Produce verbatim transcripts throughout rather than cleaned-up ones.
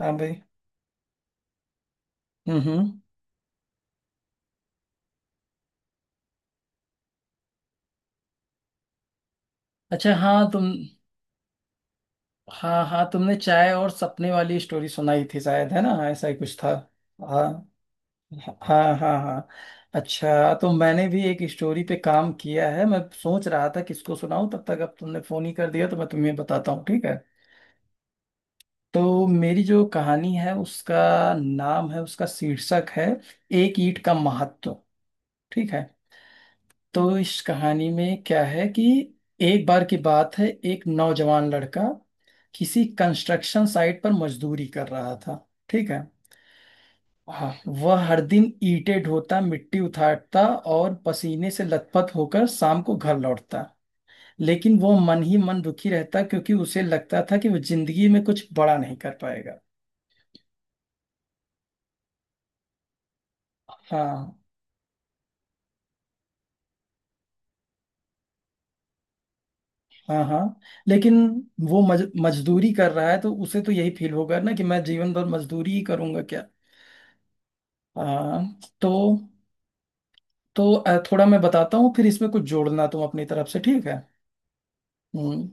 हाँ भाई। हम्म। अच्छा, हाँ, तुम। हाँ, हाँ, तुमने चाय और सपने वाली स्टोरी सुनाई थी शायद, है ना? ऐसा ही कुछ था। हाँ, हाँ, हाँ, हाँ। अच्छा, तो मैंने भी एक स्टोरी पे काम किया है। मैं सोच रहा था किसको सुनाऊं, तब तक अब तुमने फोन ही कर दिया, तो मैं तुम्हें बताता हूँ। ठीक है। तो मेरी जो कहानी है उसका नाम है, उसका शीर्षक है, एक ईंट का महत्व। ठीक है। तो इस कहानी में क्या है कि एक बार की बात है, एक नौजवान लड़का किसी कंस्ट्रक्शन साइट पर मजदूरी कर रहा था। ठीक है। हाँ, वह हर दिन ईंटें ढोता, मिट्टी उठाता, और पसीने से लथपथ होकर शाम को घर लौटता। लेकिन वो मन ही मन दुखी रहता, क्योंकि उसे लगता था कि वो जिंदगी में कुछ बड़ा नहीं कर पाएगा। हाँ, हाँ, हाँ। लेकिन वो मज, मजदूरी कर रहा है, तो उसे तो यही फील होगा ना कि मैं जीवन भर मजदूरी ही करूंगा क्या। हाँ। तो तो अ, थोड़ा मैं बताता हूँ, फिर इसमें कुछ जोड़ना तुम अपनी तरफ से। ठीक है। हम्म।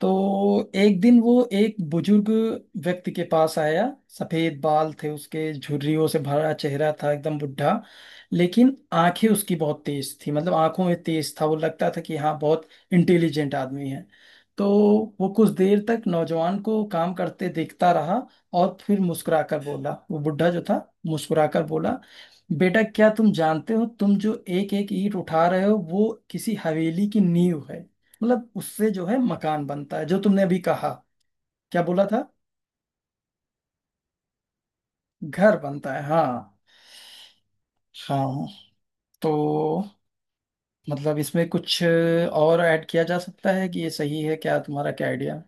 तो एक दिन वो एक बुजुर्ग व्यक्ति के पास आया। सफेद बाल थे उसके, झुर्रियों से भरा चेहरा था, एकदम बुढ़ा। लेकिन आंखें उसकी बहुत तेज थी, मतलब आंखों में तेज था, वो लगता था कि हाँ, बहुत इंटेलिजेंट आदमी है। तो वो कुछ देर तक नौजवान को काम करते देखता रहा, और फिर मुस्कुराकर बोला, वो बुढ़ा जो था, मुस्कुराकर बोला, बेटा क्या तुम जानते हो, तुम जो एक एक ईंट उठा रहे हो वो किसी हवेली की नींव है। मतलब उससे जो है मकान बनता है, जो तुमने अभी कहा। क्या बोला था? घर बनता है, हाँ। हाँ। तो मतलब इसमें कुछ और ऐड किया जा सकता है कि ये सही है क्या? तुम्हारा क्या आइडिया?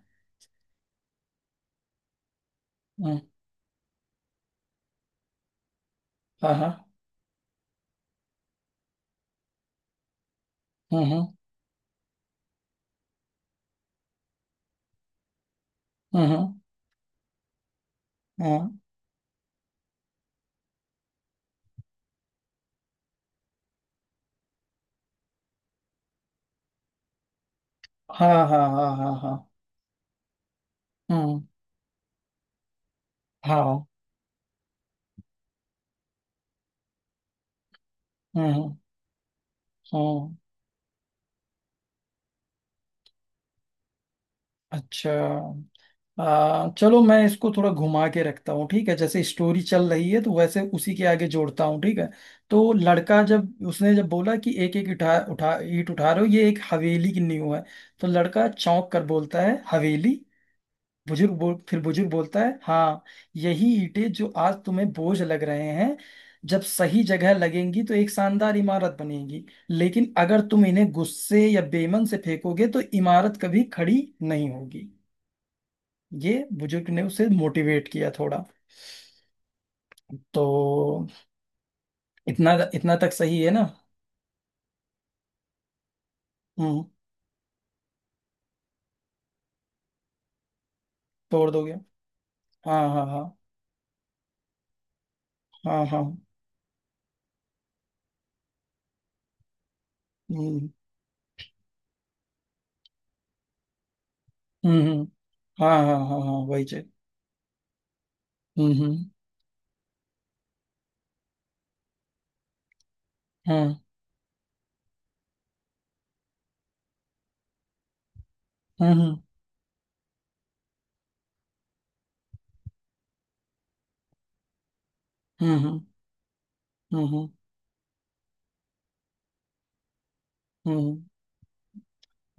हम्म। हाँ, हाँ। हम्म, हम्म। हम्म, हम्म। हम्म। हाँ, हाँ, हाँ, हाँ, हाँ। हम्म। हाँ। हम्म, हम्म। हम्म। अच्छा। आ, चलो, मैं इसको थोड़ा घुमा के रखता हूँ, ठीक है? जैसे स्टोरी चल रही है तो वैसे उसी के आगे जोड़ता हूँ। ठीक है। तो लड़का, जब उसने जब बोला कि एक एक उठा उठा ईंट उठा रहे हो ये एक हवेली की नींव है, तो लड़का चौंक कर बोलता है, हवेली? बुजुर्ग बोल फिर बुजुर्ग बोलता है, हाँ, यही ईंटें जो आज तुम्हें बोझ लग रहे हैं, जब सही जगह लगेंगी तो एक शानदार इमारत बनेगी। लेकिन अगर तुम इन्हें गुस्से या बेमन से फेंकोगे तो इमारत कभी खड़ी नहीं होगी। ये बुजुर्ग ने उसे मोटिवेट किया थोड़ा। तो इतना इतना तक सही है ना? हम्म। तोड़ दोगे। हाँ, हाँ, हाँ, हाँ, हाँ। हम्म, हम्म, हम्म। हाँ, हाँ, हाँ, हाँ, वही चीज। हम्म, हम्म। हम्म, हम्म। हम्म, हम्म। हम्म, हम्म। हम्म।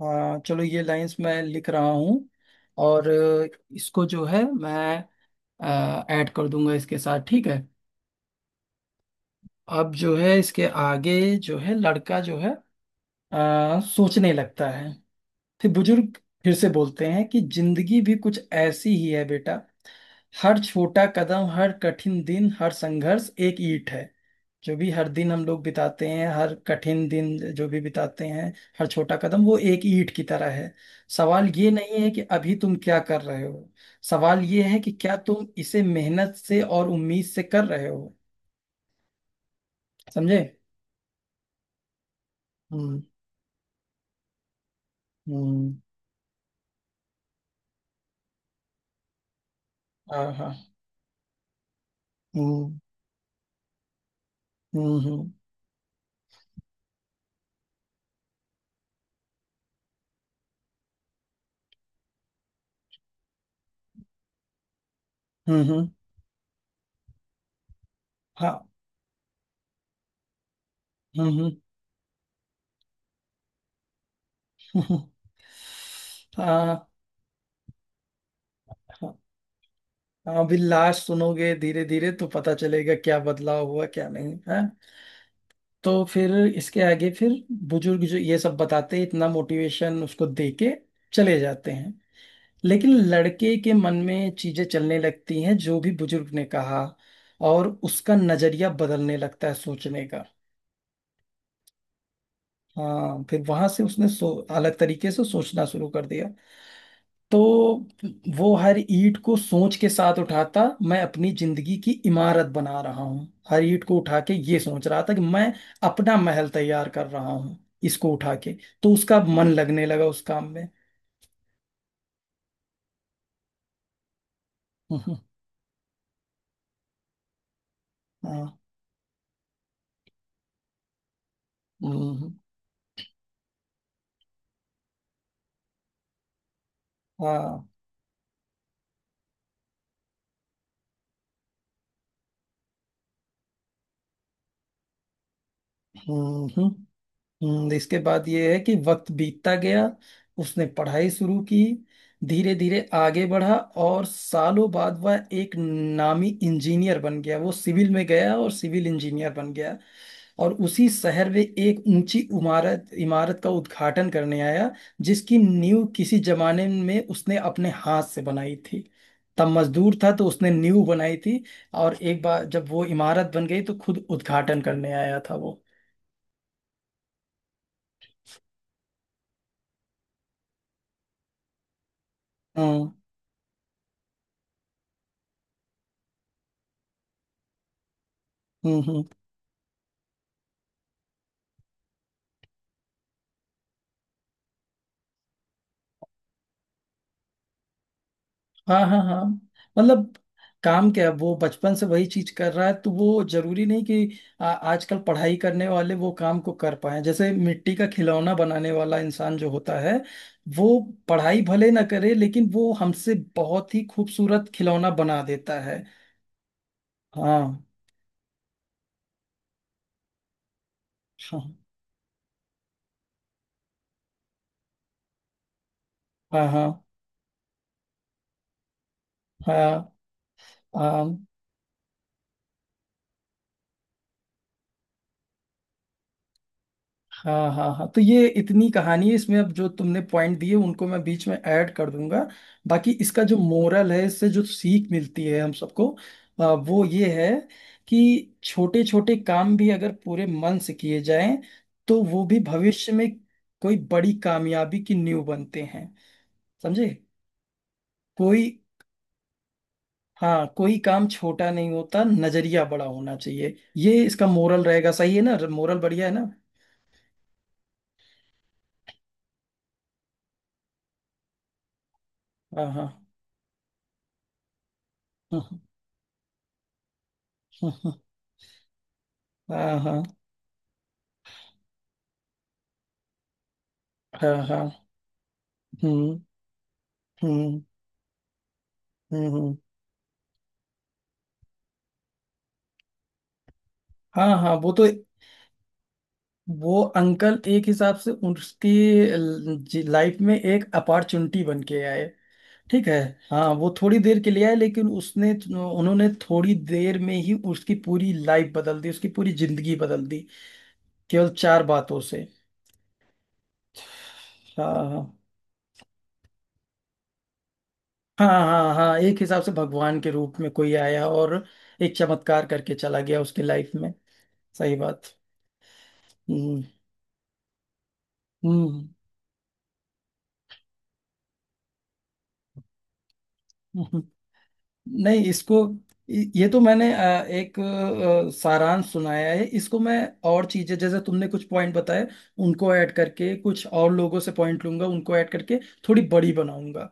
हाँ चलो, ये लाइंस मैं लिख रहा हूँ। और अ, इसको जो है मैं ऐड कर दूंगा इसके साथ। ठीक है। अब जो है इसके आगे जो है लड़का जो है अ, सोचने लगता है। फिर बुजुर्ग फिर से बोलते हैं कि जिंदगी भी कुछ ऐसी ही है, बेटा। हर छोटा कदम, हर कठिन दिन, हर संघर्ष एक ईंट है। जो भी हर दिन हम लोग बिताते हैं, हर कठिन दिन जो भी बिताते हैं, हर छोटा कदम वो एक ईंट की तरह है। सवाल ये नहीं है कि अभी तुम क्या कर रहे हो। सवाल ये है कि क्या तुम इसे मेहनत से और उम्मीद से कर रहे हो। समझे? हम्म, हम्म। हाँ, हाँ। हम्म, हम्म, हम्म, हम्म, हाँ। हम्म, हम्म। हाँ, हाँ, अभी लास्ट सुनोगे धीरे धीरे तो पता चलेगा क्या बदलाव हुआ, क्या नहीं है। तो फिर इसके आगे, फिर बुजुर्ग जो ये सब बताते हैं, इतना मोटिवेशन उसको दे के चले जाते हैं। लेकिन लड़के के मन में चीजें चलने लगती हैं जो भी बुजुर्ग ने कहा, और उसका नजरिया बदलने लगता है सोचने का। हाँ, फिर वहां से उसने सो अलग तरीके से सोचना शुरू कर दिया। तो वो हर ईंट को सोच के साथ उठाता, मैं अपनी जिंदगी की इमारत बना रहा हूँ, हर ईंट को उठा के ये सोच रहा था कि मैं अपना महल तैयार कर रहा हूँ, इसको उठा के। तो उसका मन लगने लगा उस काम में। हम्म, हाँ। हम्म, हाँ। हम्म, हम्म। इसके बाद ये है कि वक्त बीतता गया, उसने पढ़ाई शुरू की, धीरे धीरे आगे बढ़ा। और सालों बाद वह एक नामी इंजीनियर बन गया, वो सिविल में गया और सिविल इंजीनियर बन गया। और उसी शहर में एक ऊंची इमारत इमारत का उद्घाटन करने आया, जिसकी नींव किसी जमाने में उसने अपने हाथ से बनाई थी। तब मजदूर था तो उसने नींव बनाई थी। और एक बार जब वो इमारत बन गई तो खुद उद्घाटन करने आया था वो। हम्म, हम्म। हम्म। हाँ, हाँ, हाँ। मतलब काम क्या है, वो बचपन से वही चीज कर रहा है, तो वो जरूरी नहीं कि आ, आजकल पढ़ाई करने वाले वो काम को कर पाए। जैसे मिट्टी का खिलौना बनाने वाला इंसान जो होता है, वो पढ़ाई भले ना करे, लेकिन वो हमसे बहुत ही खूबसूरत खिलौना बना देता है। हाँ, हाँ, हाँ, हाँ, हाँ, हाँ, हाँ, हाँ, हाँ, तो ये इतनी कहानी है। इसमें अब जो तुमने पॉइंट दिए उनको मैं बीच में ऐड कर दूंगा। बाकी इसका जो मोरल है, इससे जो सीख मिलती है हम सबको, अ, वो ये है कि छोटे छोटे काम भी अगर पूरे मन से किए जाएं तो वो भी भविष्य में कोई बड़ी कामयाबी की नींव बनते हैं। समझे? कोई हाँ कोई काम छोटा नहीं होता, नजरिया बड़ा होना चाहिए। ये इसका मोरल रहेगा। सही है ना? मोरल बढ़िया है ना? हाँ, हाँ। हाँ, हाँ, हाँ, हाँ, हाँ। हाँ, हाँ। हम्म, हम्म। हम्म, हम्म। हाँ, हाँ, वो तो वो अंकल एक हिसाब से उसकी लाइफ में एक अपॉर्चुनिटी बन के आए। ठीक है। हाँ, वो थोड़ी देर के लिए आए, लेकिन उसने उन्होंने थोड़ी देर में ही उसकी पूरी लाइफ बदल दी, उसकी पूरी जिंदगी बदल दी, केवल चार बातों से। हाँ, हाँ, हाँ, हाँ, हाँ, एक हिसाब से भगवान के रूप में कोई आया और एक चमत्कार करके चला गया उसकी लाइफ में। सही बात। हम्म, हम्म, हम्म। नहीं, इसको इ- ये तो मैंने अ, एक अ, सारांश सुनाया है। इसको मैं और चीजें, जैसे तुमने कुछ पॉइंट बताए उनको ऐड करके, कुछ और लोगों से पॉइंट लूंगा उनको ऐड करके, थोड़ी बड़ी बनाऊंगा।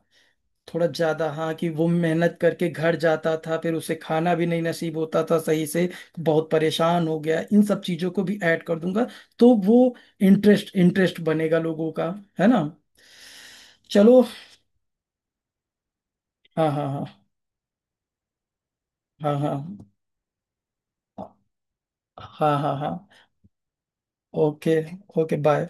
थोड़ा ज्यादा। हाँ, कि वो मेहनत करके घर जाता था, फिर उसे खाना भी नहीं नसीब होता था सही से, बहुत परेशान हो गया, इन सब चीजों को भी ऐड कर दूंगा। तो वो इंटरेस्ट इंटरेस्ट बनेगा लोगों का, है ना? चलो। हाँ, हाँ, हाँ। हाँ, हाँ, हाँ, हाँ, हाँ, हाँ। ओके। Okay, bye.